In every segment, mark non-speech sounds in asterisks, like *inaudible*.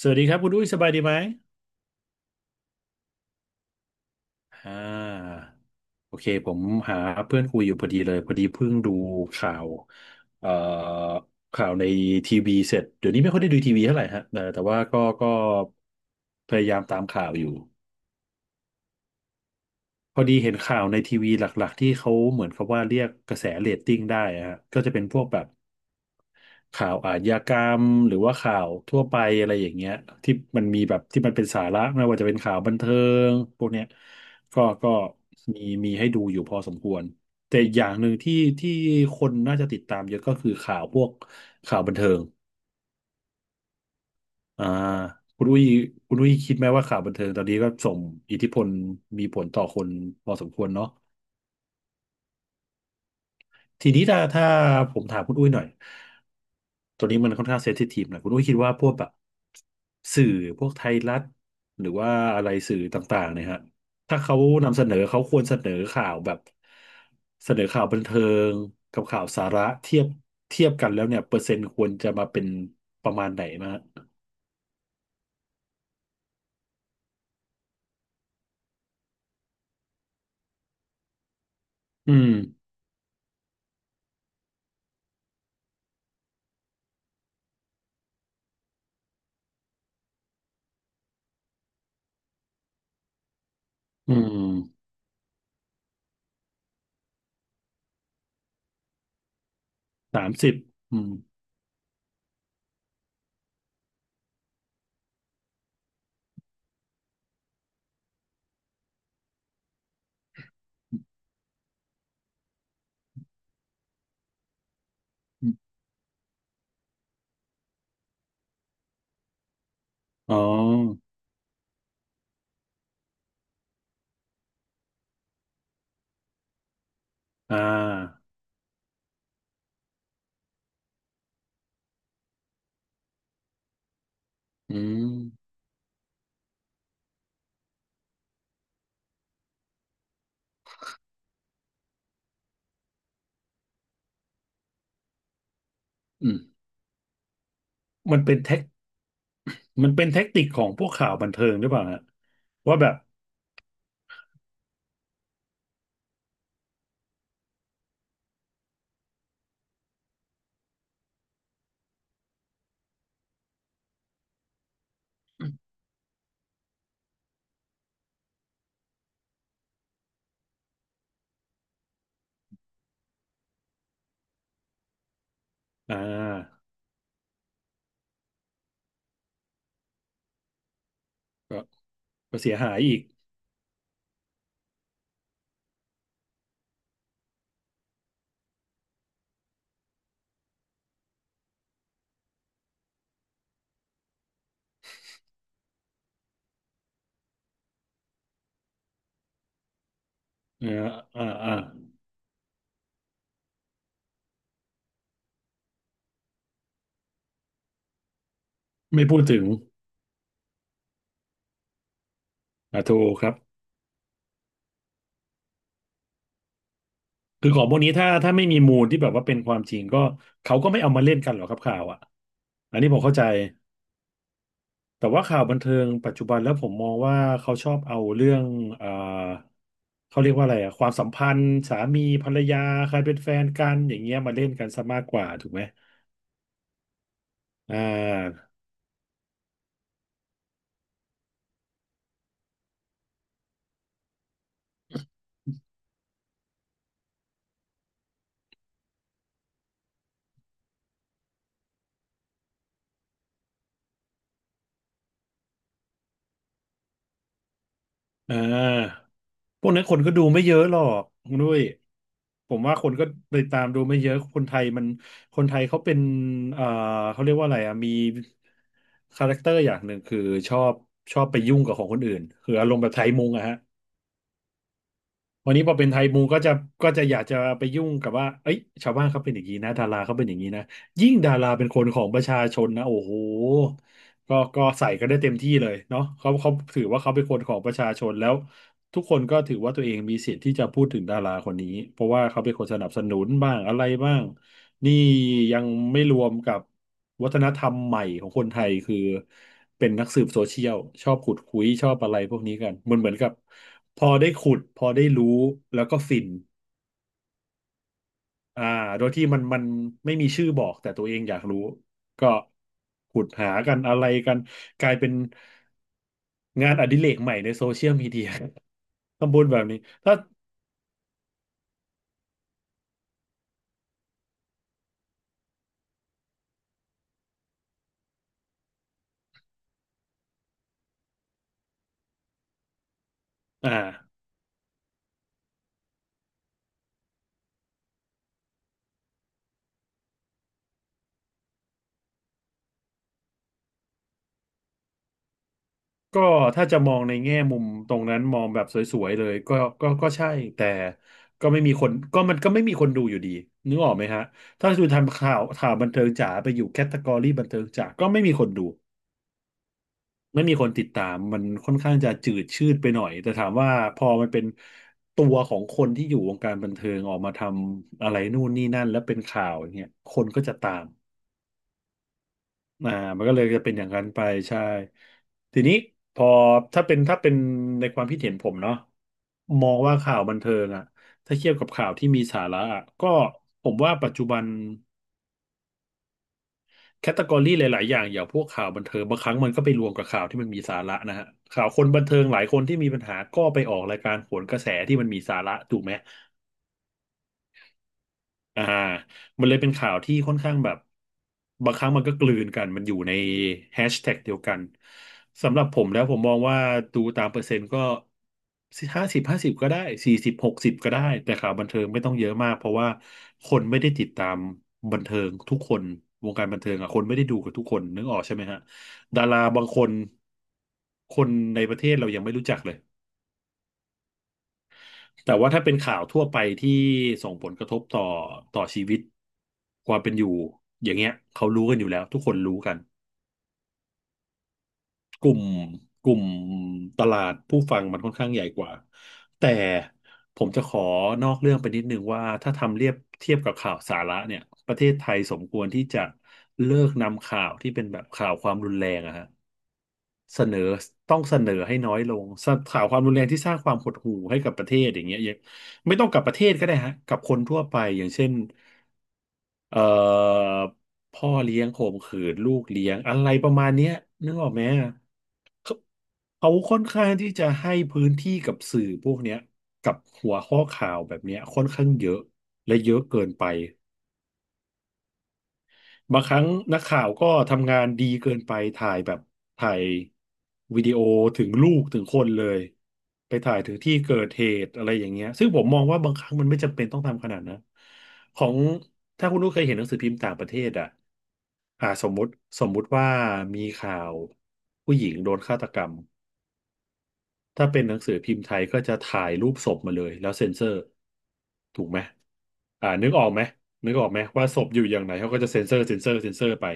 สวัสดีครับคุณอุ้ยสบายดีไหมอ่าโอเคผมหาเพื่อนคุยอยู่พอดีเลยพอดีเพิ่งดูข่าวเอ่อข่าวในทีวีเสร็จเดี๋ยวนี้ไม่ค่อยได้ดูทีวีเท่าไหร่ฮะแต่ว่าก็พยายามตามข่าวอยู่พอดีเห็นข่าวในทีวีหลักๆที่เขาเหมือนเขาว่าเรียกกระแสเรตติ้งได้อะฮะก็จะเป็นพวกแบบ ข่าวอาชญากรรมหรือว่าข่าวทั่วไปอะไรอย่างเงี้ยที่มันมีแบบที่มันเป็นสาระไม่ว่าจะเป็นข่าวบันเทิงพวกเนี้ยก็มีให้ดูอยู่พอสมควรแต่อย่างหนึ่งที่ที่คนน่าจะติดตามเยอะก็คือข่าวพวกข่าวบันเทิงอ่าคุณอุ้ยคุณอุ้ยคิดไหมว่าข่าวบันเทิงตอนนี้ก็ส่งอิทธิพลมีผลต่อคนพอสมควรเนาะทีนี้ถ้าผมถามคุณอุ้ยหน่อย ตัวนี้มันค่อนข้างเซนซิทีฟหนะคุณอุ้ยคิดว่าพวกแบบสื่อพวกไทยรัฐหรือว่าอะไรสื่อต่างๆเนี่ยฮะถ้าเขานำเสนอเขาควรเสนอข่าวแบบเสนอข่าวบันเทิงกับข่าวสาระเทียบกันแล้วเนี่ยเปอร์เซ็นต์ควรจะมาเป็นประมาณไหนมาฮะอืมอืม30อืมอมอ๋ออ่าอืมอืมมันเป็นเทคมันเป็นแท็กติกของพวกข่าวบันเทิงหรือเปล่าฮะว่าแบบอ่า ก็เสียหายอีกเอ่ออ่าอ่าไม่พูดถึงอ่าถูกครับคือของพวกนี้ถ้าไม่มีมูลที่แบบว่าเป็นความจริงก็เขาก็ไม่เอามาเล่นกันหรอกครับข่าวอ่ะอันนี้ผมเข้าใจแต่ว่าข่าวบันเทิงปัจจุบันแล้วผมมองว่าเขาชอบเอาเรื่องอ่าเขาเรียกว่าอะไรอ่ะความสัมพันธ์สามีภรรยาใครเป็นแฟนกันอย่างเงี้ยมาเล่นกันซะมากกว่าถูกไหมอ่า อ่าพวกนั้นคนก็ดูไม่เยอะหรอกคุณด้วยผมว่าคนก็ไปตามดูไม่เยอะคนไทยเขาเป็นเอ่อเขาเรียกว่าอะไรอ่ะ มีคาแรคเตอร์อย่างหนึ่งคือชอบชอบไปยุ่งกับของคนอื่น คืออารมณ์แบบไทยมุงอะฮะ วันนี้พอเป็นไทยมูก็จะก็จะอยากจะไปยุ่งกับว่าเอ้ยชาวบ้านเขาเป็นอย่างนี้นะดาราเขาเป็นอย่างนี้นะยิ่งดาราเป็นคนของประชาชนนะโอ้โหก็ใส่กันได้เต็มที่เลยเนาะเขาถือว่าเขาเป็นคนของประชาชนแล้วทุกคนก็ถือว่าตัวเองมีสิทธิ์ที่จะพูดถึงดาราคนนี้เพราะว่าเขาเป็นคนสนับสนุนบ้างอะไรบ้าง นี่ยังไม่รวมกับวัฒนธรรมใหม่ของคนไทยคือเป็นนักสืบโซเชียลชอบขุดคุยชอบอะไรพวกนี้กันมันเหมือนกับพอได้ขุดพอได้รู้แล้วก็ฟินอ่าโดยที่มันไม่มีชื่อบอกแต่ตัวเองอยากรู้ก็ขุดหากันอะไรกันกลายเป็นงานอดิเรกใหม่ในโซเชียลมีเดีย *laughs* ทำบุญแบบนี้ถ้าอ่า ก็ถ้าจะมองในแง่มุมตรงนั้นมองแบบสวยๆเลยก็ก็ใช่แต่ก็ไม่มีคนก็มันก็ไม่มีคนดูอยู่ดีนึกออกไหมฮะถ้าคุณทำข่าวบันเทิงจ๋าไปอยู่แคตตากรีบันเทิงจ๋าก็ไม่มีคนดูไม่มีคนติดตามมันค่อนข้างจะจืดชืดไปหน่อยแต่ถามว่าพอมันเป็นตัวของคนที่อยู่วงการบันเทิงออกมาทำอะไรนู่นนี่นั่นแล้วเป็นข่าวอย่างเงี้ยคนก็จะตาม อ่ามันก็เลยจะเป็นอย่างนั้นไปใช่ทีนี้พอถ้าเป็นในความคิดเห็นผมเนาะมองว่าข่าวบันเทิงอะถ้าเทียบกับข่าวที่มีสาระอะก็ผมว่าปัจจุบันแคตตากรีหลายๆ อย่างอย่างพวกข่าวบันเทิงบางครั้งมันก็ไปรวมกับข่าวที่มันมีสาระนะฮะข่าวคนบันเทิงหลายคนที่มีปัญหาก็ไปออกรายการโหนกระแสที่มันมีสาระถูกไหม อ่ามันเลยเป็นข่าวที่ค่อนข้างแบบบางครั้งมันก็กลืนกันมันอยู่ในแฮชแท็กเดียวกันสำหรับผมแล้วผมมองว่าดูตามเปอร์เซ็นต์ก็50 50ก็ได้40 60ก็ได้แต่ข่าวบันเทิงไม่ต้องเยอะมากเพราะว่าคนไม่ได้ติดตามบันเทิงทุกคนวงการบันเทิงอ่ะคนไม่ได้ดูกับทุกคนนึกออกใช่ไหมฮะดาราบางคนคนในประเทศเรายังไม่รู้จักเลย แต่ว่าถ้าเป็นข่าวทั่วไปที่ส่งผลกระทบต่อชีวิตความเป็นอยู่อย่างเงี้ยเขารู้กันอยู่แล้วทุกคนรู้กัน กลุ่มกลุ่มตลาดผู้ฟังมันค่อนข้างใหญ่กว่าแต่ผมจะขอนอกเรื่องไปนิดนึงว่าถ้าทำเรียบเทียบกับข่าวสาระเนี่ยประเทศไทยสมควรที่จะเลิกนำข่าวที่เป็นแบบข่าวความรุนแรงอะฮะเสนอต้องเสนอให้น้อยลงสข่าวความรุนแรงที่สร้างความหดหู่ให้กับประเทศอย่างเงี้ยยังไม่ต้องกับประเทศก็ได้ฮะกับคนทั่วไปอย่างเช่น เอ่อพ่อเลี้ยงข่มขืนลูกเลี้ยงอะไรประมาณเนี้ยนึกออกไหมอะเขาเขาค่อนข้างที่จะให้พื้นที่กับสื่อพวกเนี้ยกับหัวข้อข่าวแบบเนี้ยค่อนข้างเยอะและเยอะเกินไป บางครั้งนักข่าวก็ทำงานดีเกินไปถ่ายวิดีโอถึงลูกถึงคนเลยไปถ่ายถึงที่เกิดเหตุอะไรอย่างเงี้ยซึ่งผมมองว่าบางครั้งมันไม่จำเป็นต้องทำขนาดนั้นของถ้าคุณลูกเคยเห็นหนังสือพิมพ์ต่างประเทศอ่ะอ่าสมมุติว่ามีข่าวผู้หญิงโดนฆาตกรรมถ้าเป็นหนังสือพิมพ์ไทยก็จะถ่ายรูปศพมาเลยแล้วเซ็นเซอร์ถูกไหมอ่านึกออกไหมว่าศพอยู่อย่างไหนเขาก็จะเซ็นเซอร์ไป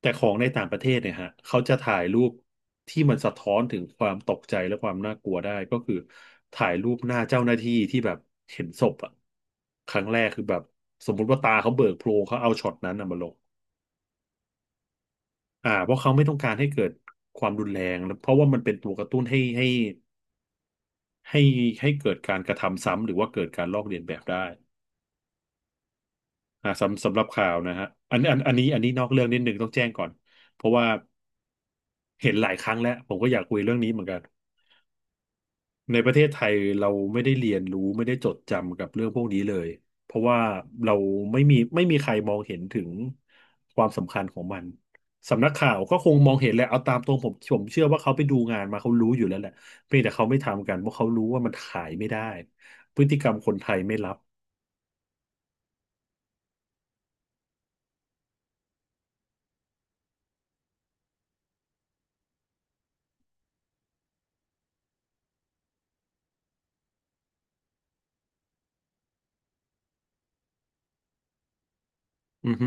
แต่ของในต่างประเทศเนี่ยฮะเขาจะถ่ายรูปที่มันสะท้อนถึงความตกใจและความน่ากลัวได้ก็คือถ่ายรูปหน้าเจ้าหน้าที่ที่แบบเห็นศพอะครั้งแรกคือแบบสมมุติว่าตาเขาเบิกโพลงเขาเอาช็อตนั้นน่ะมาลงอ่าเพราะเขาไม่ต้องการให้เกิดความรุนแรงแล้วเพราะว่ามันเป็นตัวกระตุ้นให้ให้เกิดการกระทำซ้ำหรือว่าเกิดการลอกเลียนแบบได้อ่าสำหรับข่าวนะฮะอันนี้นอกเรื่องนิดนึงต้องแจ้งก่อนเพราะว่าเห็นหลายครั้งแล้วผมก็อยากคุยเรื่องนี้เหมือนกัน ในประเทศไทยเราไม่ได้เรียนรู้ไม่ได้จดจำกับเรื่องพวกนี้เลยเพราะว่าเราไม่มีใครมองเห็นถึงความสำคัญของมันสำนักข่าวก็คงมองเห็นแหละเอาตามตรงผมเชื่อว่าเขาไปดูงานมาเขารู้อยู่แล้วแหละเพียงแต่เขาไม่ทำกันเพราะเขารู้ว่ามันขายไม่ได้พฤติกรรมคนไทยไม่รับอือฮึ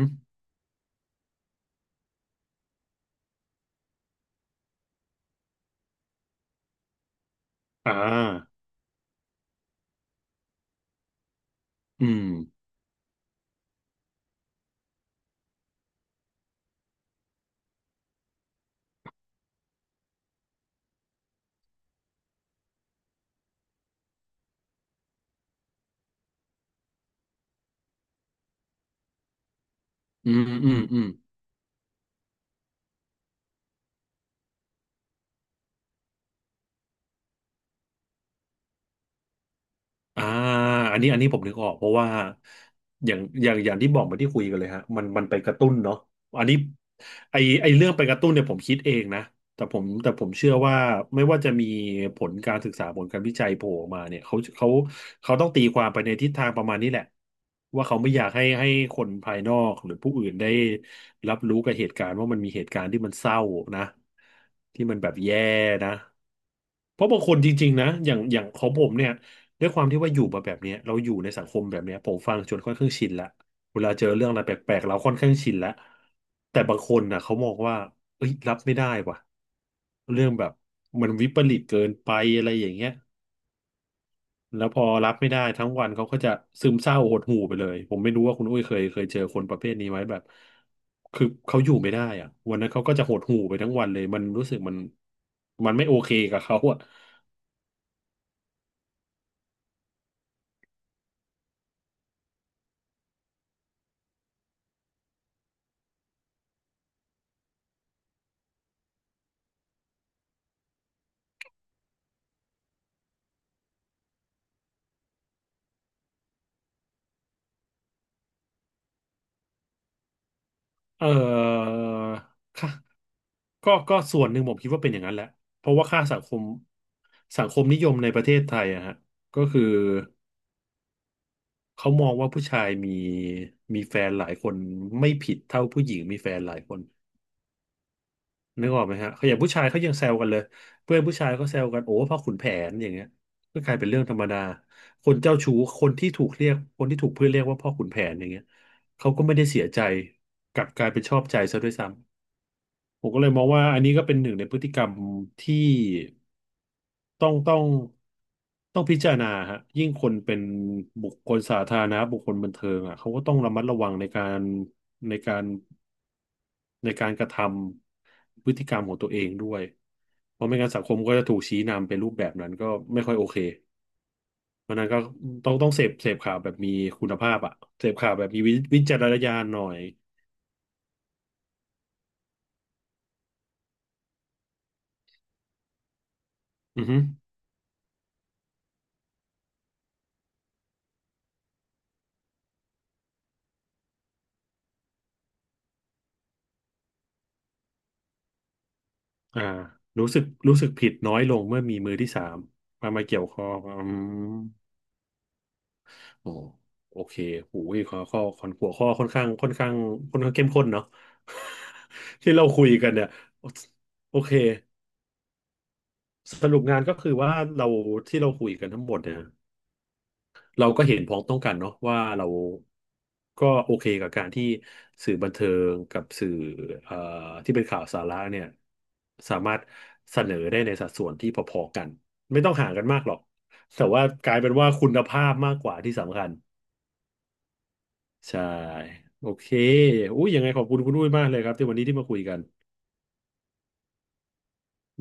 อ่าอืมอืมอืมอืม อ่าอันนี้ผมนึกออกเพราะว่าอย่างที่บอกเหมาที่คุยกันเลยฮะมันไปกระตุ้นเนาะอันนี้ไอไอเรื่องไปกระตุ้นเนี่ยผมคิดเองนะแต่ผมเชื่อว่าไม่ว่าจะมีผลการศึกษาผลการวิจัยโผล่ออกมาเนี่ยเขาต้องตีความไปในทิศทางประมาณนี้แหละว่าเขาไม่อยากให้คนภายนอกหรือผู้อื่นได้รับรู้กับเหตุการณ์ว่ามันมีเหตุการณ์ที่มันเศร้านะที่มันแบบแย่นะเพราะบางคนจริงๆนะอย่างของผมเนี่ย ด้วยความที่ว่าอยู่มาแบบเนี้ยเราอยู่ในสังคมแบบเนี้ยผมฟังจนค่อนข้างชินละเวลาเจอเรื่องอะไรแปลกๆเราค่อนข้างชินละแต่บางคนน่ะเขามองว่าเอ้ยรับไม่ได้ว่ะเรื่องแบบมันวิปริตเกินไปอะไรอย่างเงี้ยแล้วพอรับไม่ได้ทั้งวันเขาก็จะซึมเศร้าหดหู่ไปเลยผมไม่รู้ว่าคุณอุ้ยเคยเจอคนประเภทนี้ไหมแบบคือเขาอยู่ไม่ได้อะวันนั้นเขาก็จะหดหู่ไปทั้งวันเลยมันรู้สึกมันไม่โอเคกับเขาอะ เอ่อค่ะก็ส่วนหนึ่งผมคิดว่าเป็นอย่างนั้นแหละเพราะว่าค่าสังคมสังคมนิยมในประเทศไทยอะฮะก็คือเขามองว่าผู้ชายมีแฟนหลายคนไม่ผิดเท่าผู้หญิงมีแฟนหลายคนนึกออกไหมฮะเขาอย่างผู้ชายเขายังแซวกันเลยเพื่อนผู้ชายเขาแซวกันโอ้พ่อขุนแผนอย่างเงี้ยก็กลายเป็นเรื่องธรรมดาคนเจ้าชู้คนที่ถูกเรียกคนที่ถูกเพื่อนเรียกว่าพ่อขุนแผนอย่างเงี้ยเขาก็ไม่ได้เสียใจกลับกลายเป็นชอบใจซะด้วยซ้ ผมก็เลยมองว่าอันนี้ก็เป็นหนึ่งในพฤติกรรมที่ต้องต้องต้องพิจารณาฮะยิ่งคนเป็นบุคคลสาธารณะบุคคลบันเทิงอ่ะเขาก็ต้องระมัดระวังในการในการกระทำพฤติกรรมของตัวเองด้วยเพราะไม่งั้นสังคมก็จะถูกชี้นำเป็นรูปแบบนั้นก็ไม่ค่อยโอเคเพราะฉะนั้นก็ต้องเสพข่าวแบบมีคุณภาพอ่ะเสพข่าวแบบมีวิจารณญาณหน่อยอือฮึ อ่ารู้สึกผิดน้อยลงเมื่อมีมือที่สามมาเกี่ยวข้องอืมโอ้โอเคโอ้ยข้อข้อข้อหัวข้อค่อนข้างเข้มข้นเนาะ *laughs* ที่เราคุยกันเนี่ยโอเคสรุปงานก็คือว่าเราที่เราคุยกันทั้งหมดเนี่ย เราก็เห็นพ้องต้องกันเนาะว่าเราก็โอเคกับการที่สื่อบันเทิงกับสื่อเอ่อที่เป็นข่าวสาระเนี่ยสามารถเสนอได้ในสัดส่วนที่พอๆกันไม่ต้องห่างกันมากหรอกแต่ว่ากลายเป็นว่าคุณภาพมากกว่าที่สำคัญใช่โอเคอุ้ยยังไงขอบคุณคุณอุ้ยมากเลยครับที่วันนี้ที่มาคุยกัน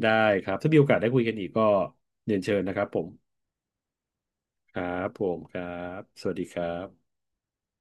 ได้ครับถ้ามีโอกาสได้คุยกันอีกก็เรียนเชิญนะครับผมครับผมครับสวัสดีครับ